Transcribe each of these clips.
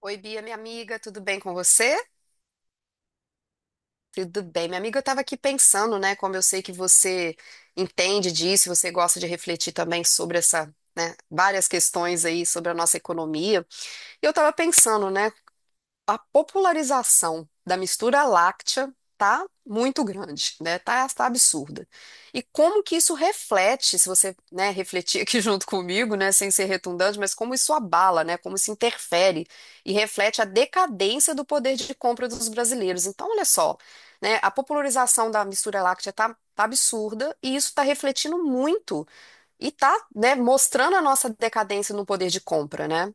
Oi, Bia, minha amiga, tudo bem com você? Tudo bem, minha amiga, eu estava aqui pensando, né, como eu sei que você entende disso, você gosta de refletir também sobre essa, né, várias questões aí sobre a nossa economia. E eu estava pensando, né, a popularização da mistura láctea tá muito grande, né? Tá absurda. E como que isso reflete, se você, né, refletir aqui junto comigo, né, sem ser redundante, mas como isso abala, né? Como isso interfere e reflete a decadência do poder de compra dos brasileiros. Então, olha só, né, a popularização da mistura láctea tá absurda e isso está refletindo muito e tá, né, mostrando a nossa decadência no poder de compra, né?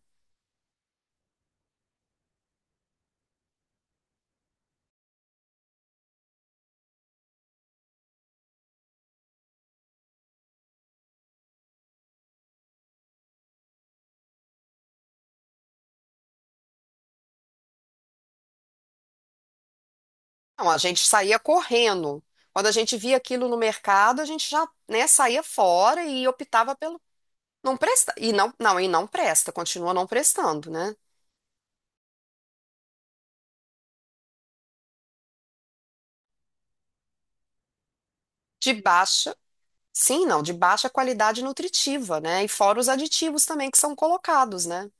Não, a gente saía correndo. Quando a gente via aquilo no mercado, a gente já, né, saía fora e optava pelo não presta e não presta, continua não prestando, né? De baixa, sim, não, de baixa qualidade nutritiva, né? E fora os aditivos também que são colocados, né?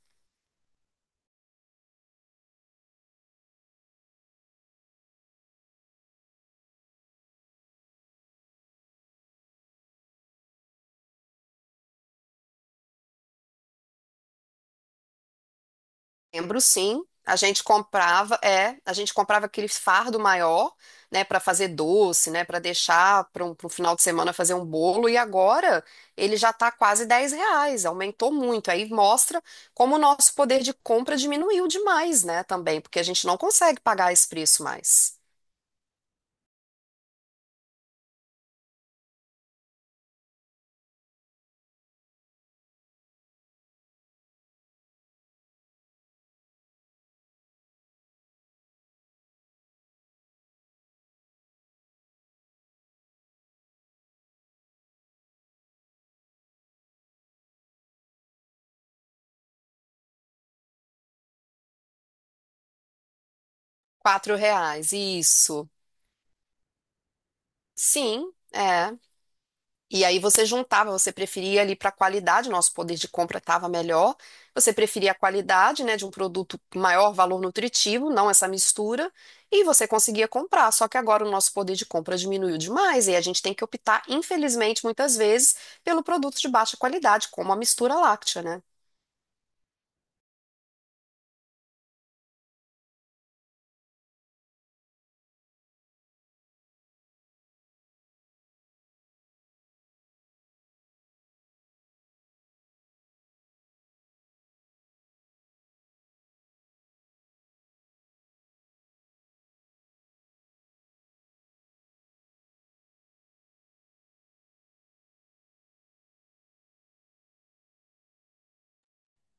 Lembro, sim. A gente comprava, é, a gente comprava aquele fardo maior, né, para fazer doce, né, para deixar pra um final de semana fazer um bolo. E agora ele já está quase R$ 10, aumentou muito. Aí mostra como o nosso poder de compra diminuiu demais, né, também, porque a gente não consegue pagar esse preço mais. R$ 4, isso. Sim, é. E aí você juntava, você preferia ali para a qualidade, nosso poder de compra estava melhor, você preferia a qualidade, né, de um produto com maior valor nutritivo, não essa mistura, e você conseguia comprar. Só que agora o nosso poder de compra diminuiu demais e a gente tem que optar, infelizmente, muitas vezes, pelo produto de baixa qualidade, como a mistura láctea, né?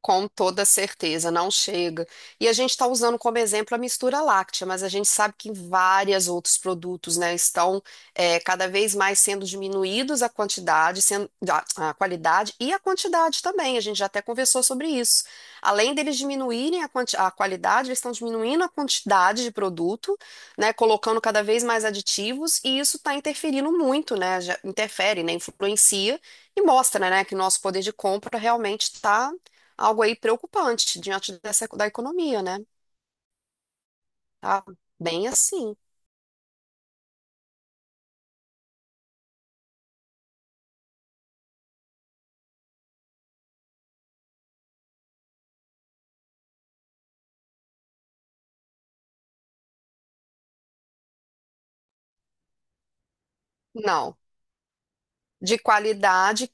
Com toda certeza, não chega. E a gente está usando como exemplo a mistura láctea, mas a gente sabe que vários outros produtos, né, estão cada vez mais sendo diminuídos a quantidade, sendo, a qualidade e a quantidade também. A gente já até conversou sobre isso. Além deles diminuírem a, a qualidade, eles estão diminuindo a quantidade de produto, né, colocando cada vez mais aditivos, e isso está interferindo muito, né, já interfere, né, influencia e mostra, né, que nosso poder de compra realmente está algo aí preocupante diante dessa, da economia, né? Tá bem assim. Não, de qualidade,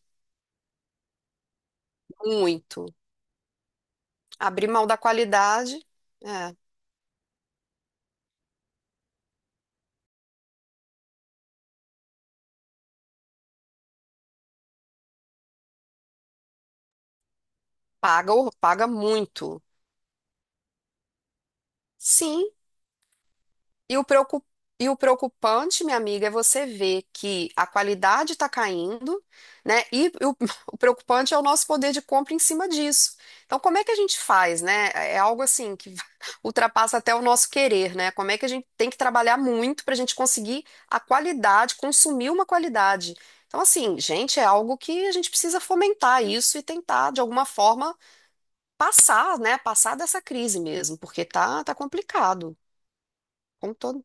muito. Abrir mão da qualidade, é, paga, paga muito. Sim, E e o preocupante, minha amiga, é você ver que a qualidade está caindo, né? E o, o preocupante é o nosso poder de compra em cima disso. Então, como é que a gente faz, né? É algo assim que ultrapassa até o nosso querer, né? Como é que a gente tem que trabalhar muito para a gente conseguir a qualidade, consumir uma qualidade. Então, assim, gente, é algo que a gente precisa fomentar isso e tentar, de alguma forma, passar, né? Passar dessa crise mesmo, porque tá complicado. Como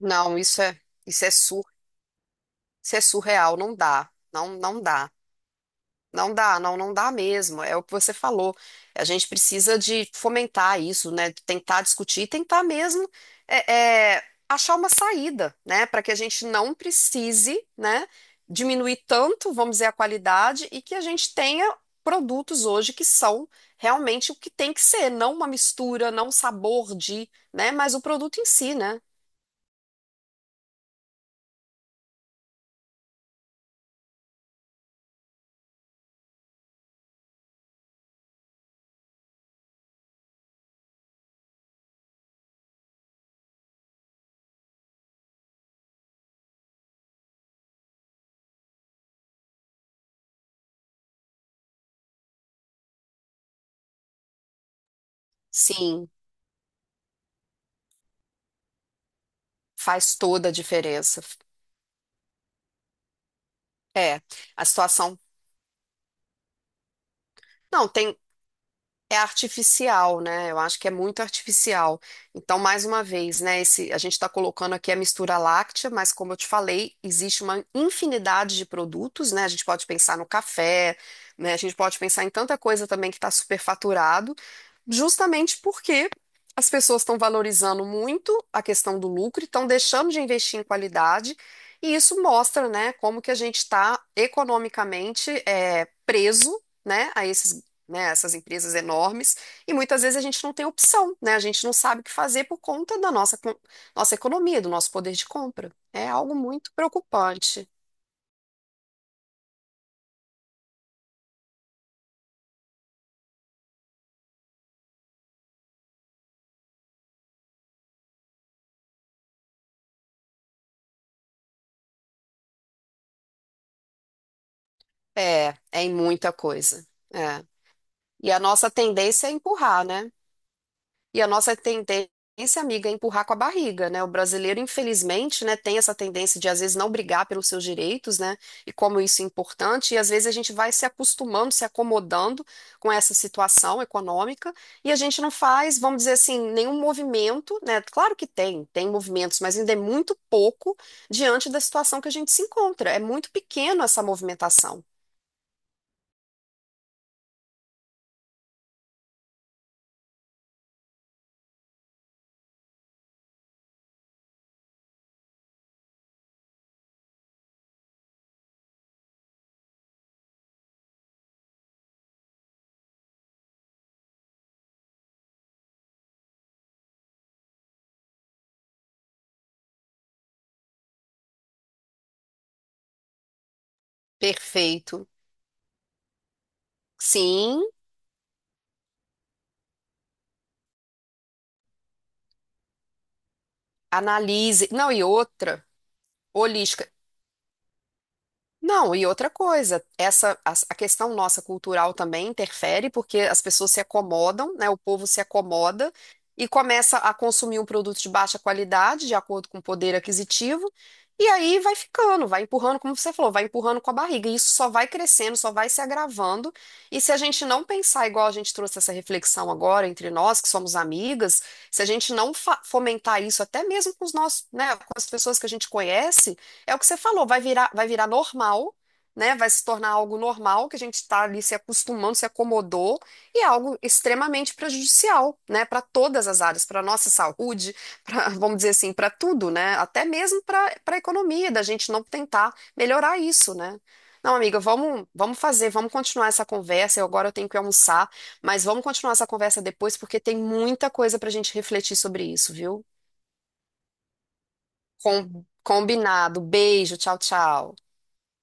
não, isso é sur, isso é surreal, não dá, não dá, não dá, não dá mesmo. É o que você falou. A gente precisa de fomentar isso, né? Tentar discutir e tentar mesmo achar uma saída, né? Para que a gente não precise, né? Diminuir tanto, vamos dizer, a qualidade e que a gente tenha produtos hoje que são realmente o que tem que ser, não uma mistura, não um sabor de, né? Mas o produto em si, né? Sim. Faz toda a diferença. É, a situação. Não, tem, é artificial, né? Eu acho que é muito artificial. Então, mais uma vez, né? Esse, a gente está colocando aqui a mistura láctea, mas como eu te falei, existe uma infinidade de produtos, né? A gente pode pensar no café, né? A gente pode pensar em tanta coisa também que está superfaturado, justamente porque as pessoas estão valorizando muito a questão do lucro, e estão deixando de investir em qualidade. E isso mostra, né, como que a gente está economicamente preso, né, a esses né, essas empresas enormes, e muitas vezes a gente não tem opção, né? A gente não sabe o que fazer por conta da nossa, nossa economia, do nosso poder de compra. É algo muito preocupante. É, é em muita coisa. É. E a nossa tendência é empurrar, né? E a nossa tendência, amiga, é empurrar com a barriga, né? O brasileiro, infelizmente, né, tem essa tendência de às vezes não brigar pelos seus direitos, né? E como isso é importante, e às vezes a gente vai se acostumando, se acomodando com essa situação econômica, e a gente não faz, vamos dizer assim, nenhum movimento, né? Claro que tem movimentos, mas ainda é muito pouco diante da situação que a gente se encontra. É muito pequeno essa movimentação. Perfeito. Sim, analise. Não, e outra, holística. Não, e outra coisa, essa a questão nossa cultural também interfere, porque as pessoas se acomodam, né? O povo se acomoda e começa a consumir um produto de baixa qualidade, de acordo com o poder aquisitivo, e aí vai ficando, vai empurrando, como você falou, vai empurrando com a barriga, e isso só vai crescendo, só vai se agravando. E se a gente não pensar igual a gente trouxe essa reflexão agora entre nós, que somos amigas, se a gente não fomentar isso até mesmo com os nossos, né, com as pessoas que a gente conhece, é o que você falou, vai virar normal, né? Vai se tornar algo normal, que a gente está ali se acostumando, se acomodou, e é algo extremamente prejudicial, né? Para todas as áreas, para a nossa saúde, pra, vamos dizer assim, para tudo, né? Até mesmo para a economia, da gente não tentar melhorar isso, né? Não, amiga, vamos, vamos fazer, vamos continuar essa conversa. Eu agora eu tenho que almoçar, mas vamos continuar essa conversa depois, porque tem muita coisa para a gente refletir sobre isso, viu? Combinado. Beijo, tchau, tchau.